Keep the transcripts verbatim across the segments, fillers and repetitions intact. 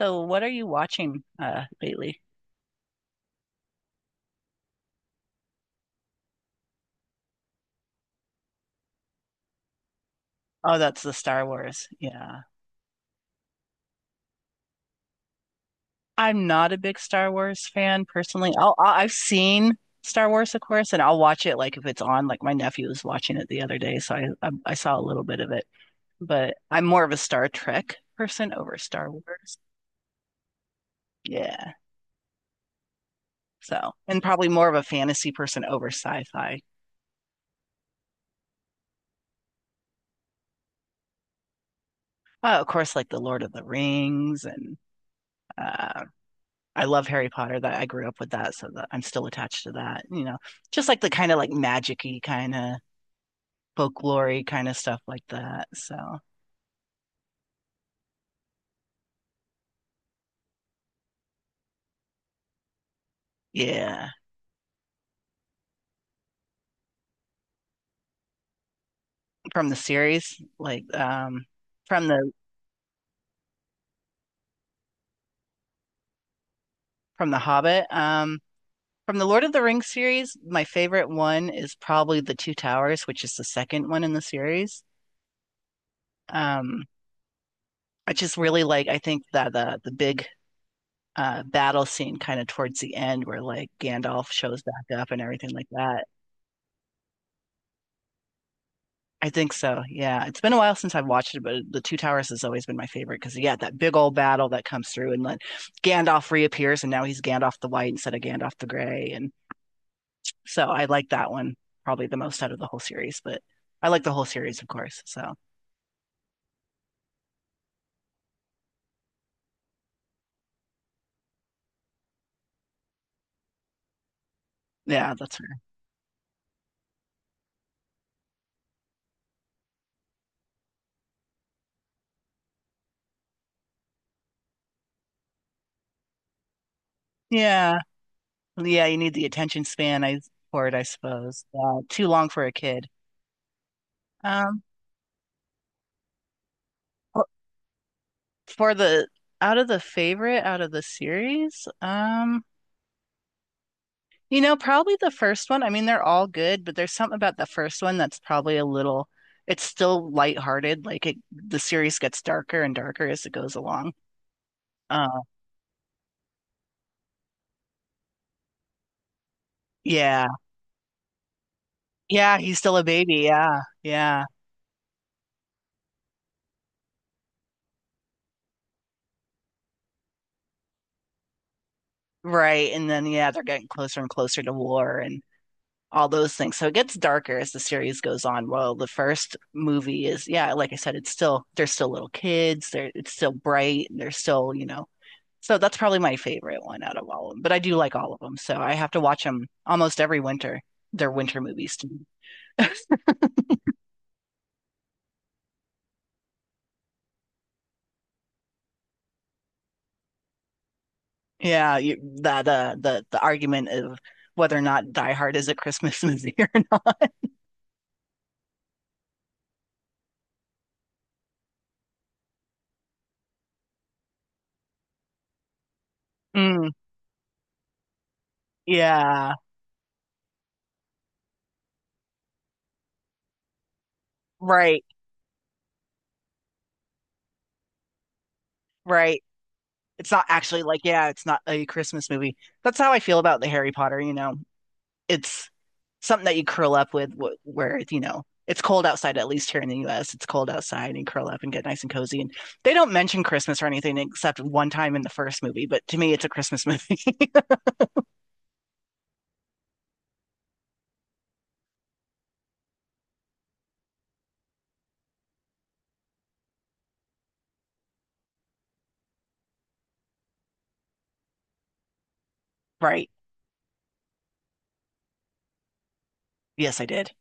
So, what are you watching uh, lately? Oh, that's the Star Wars. Yeah. I'm not a big Star Wars fan personally. I'll, I- I've seen Star Wars, of course, and I'll watch it like if it's on. Like my nephew was watching it the other day, so I, I I saw a little bit of it. But I'm more of a Star Trek person over Star Wars. Yeah. So, and probably more of a fantasy person over sci-fi. Uh, of course, like the Lord of the Rings and uh, I love Harry Potter. That I grew up with that, so that I'm still attached to that. You know, just like the kind of like magic-y kind of folklory kind of stuff like that. So yeah, from the series, like um, from the from the Hobbit, um, from the Lord of the Rings series, my favorite one is probably the Two Towers, which is the second one in the series. Um, I just really like. I think that the the big uh, battle scene kind of towards the end, where like Gandalf shows back up and everything like that. I think so. Yeah. It's been a while since I've watched it, but the Two Towers has always been my favorite because, yeah, that big old battle that comes through and then Gandalf reappears and now he's Gandalf the White instead of Gandalf the Gray. And so I like that one probably the most out of the whole series, but I like the whole series, of course. So yeah, that's fair. Yeah. Yeah. You need the attention span I, for it, I suppose. Yeah. Too long for a kid. Um, for the Out of the favorite out of the series, um, you know, probably the first one. I mean, they're all good, but there's something about the first one that's probably a little, it's still lighthearted. Like it, the series gets darker and darker as it goes along. Uh, yeah. Yeah, he's still a baby. Yeah. Yeah. Right. And then, yeah, they're getting closer and closer to war and all those things. So it gets darker as the series goes on. Well, the first movie is, yeah, like I said, it's still, they're still little kids. They're, it's still bright. And they're still, you know, so that's probably my favorite one out of all of them. But I do like all of them, so I have to watch them almost every winter. They're winter movies to me. Yeah, you, the, the the the argument of whether or not Die Hard is a Christmas movie or not. Mm, yeah, right, right. It's not actually like, yeah, it's not a Christmas movie. That's how I feel about the Harry Potter, you know. It's something that you curl up with where you know it's cold outside, at least here in the U S it's cold outside, and you curl up and get nice and cozy and they don't mention Christmas or anything except one time in the first movie, but to me it's a Christmas movie right. Yes, I did.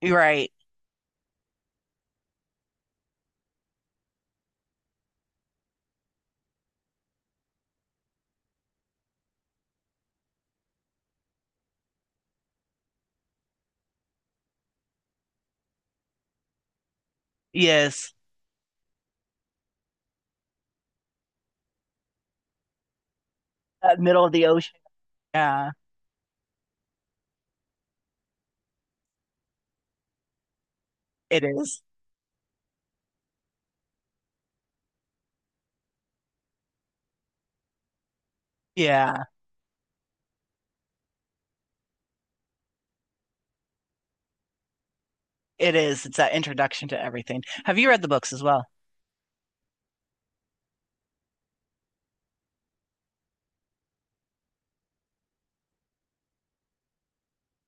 You're right. Yes. Uh, middle of the ocean. Yeah. It is. Yeah, it is. It's that introduction to everything. Have you read the books as well?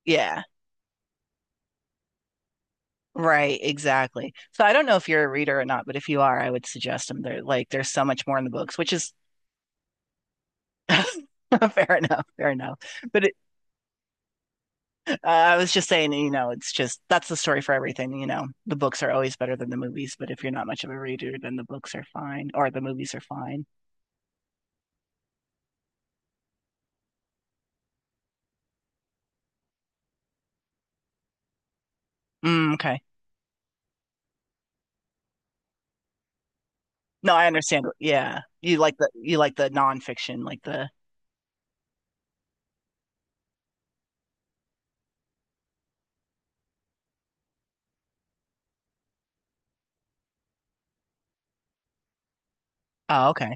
Yeah. Right, exactly. So I don't know if you're a reader or not, but if you are I would suggest them. They're like, there's so much more in the books, which is Fair enough, fair enough. But it, uh, I was just saying, you know, it's just that's the story for everything. You know, the books are always better than the movies, but if you're not much of a reader, then the books are fine or the movies are fine. Mm, okay. No, I understand. Yeah, you like the you like the nonfiction, like the oh, okay.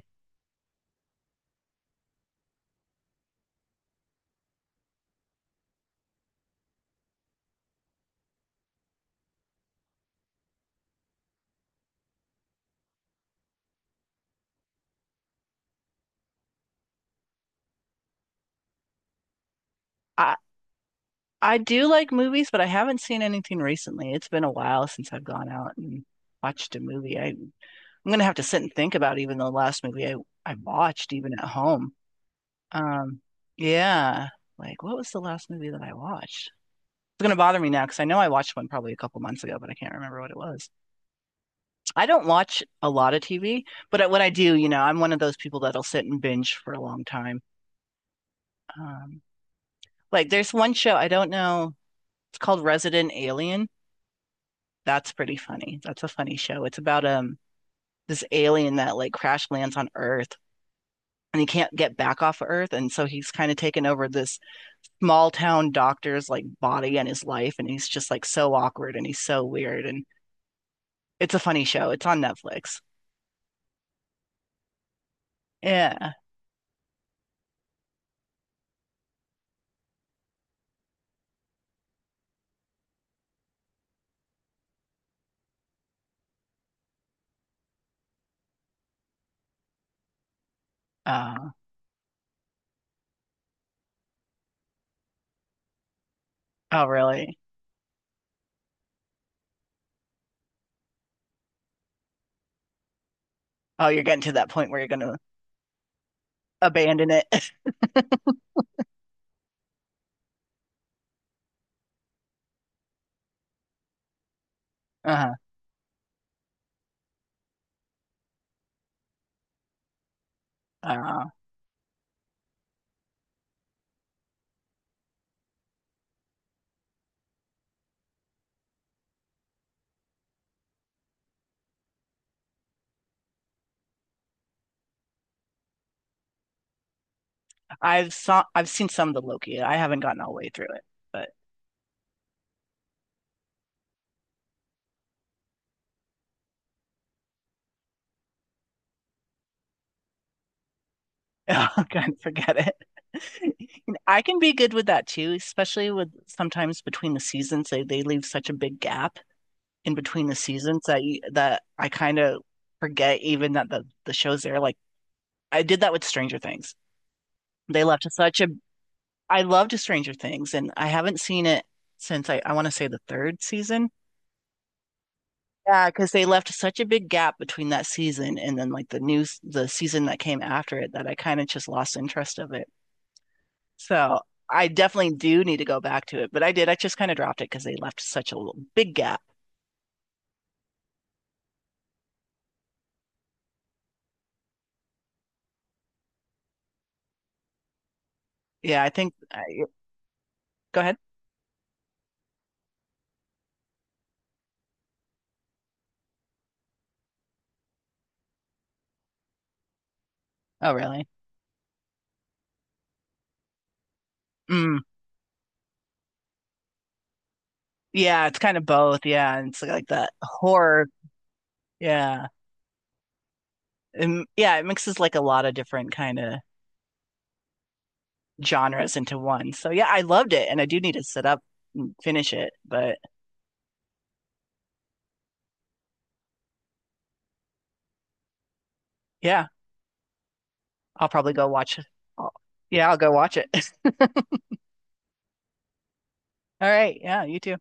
I I do like movies, but I haven't seen anything recently. It's been a while since I've gone out and watched a movie. I I'm gonna have to sit and think about even the last movie I I watched even at home. Um, yeah. Like, what was the last movie that I watched? It's gonna bother me now because I know I watched one probably a couple months ago, but I can't remember what it was. I don't watch a lot of T V, but I- when I do, you know, I'm one of those people that'll sit and binge for a long time. Um, like, there's one show, I don't know. It's called Resident Alien. That's pretty funny. That's a funny show. It's about um this alien that like crash lands on Earth and he can't get back off of Earth, and so he's kind of taken over this small town doctor's like body and his life, and he's just like so awkward and he's so weird, and it's a funny show. It's on Netflix. Yeah. Uh, oh really? Oh, you're getting to that point where you're gonna abandon it. Uh-huh. Uh, I've saw I've seen some of the Loki. I haven't gotten all the way through it, but oh god, forget it. I can be good with that too, especially with sometimes between the seasons they, they leave such a big gap in between the seasons that you, that I kind of forget even that the the show's there. Like I did that with Stranger Things. They left such a I loved Stranger Things, and I haven't seen it since I I want to say the third season. Yeah, because they left such a big gap between that season and then like the news the season that came after it, that I kind of just lost interest of it. So I definitely do need to go back to it, but I did. I just kind of dropped it because they left such a big gap. Yeah, I think. I, go ahead. Oh, really? Mm. Yeah, it's kind of both. Yeah, and it's like that horror. Yeah, and, yeah, it mixes like a lot of different kind of genres into one. So yeah, I loved it, and I do need to sit up and finish it. But yeah, I'll probably go watch it. I'll- yeah, I'll go watch it. All right. Yeah, you too.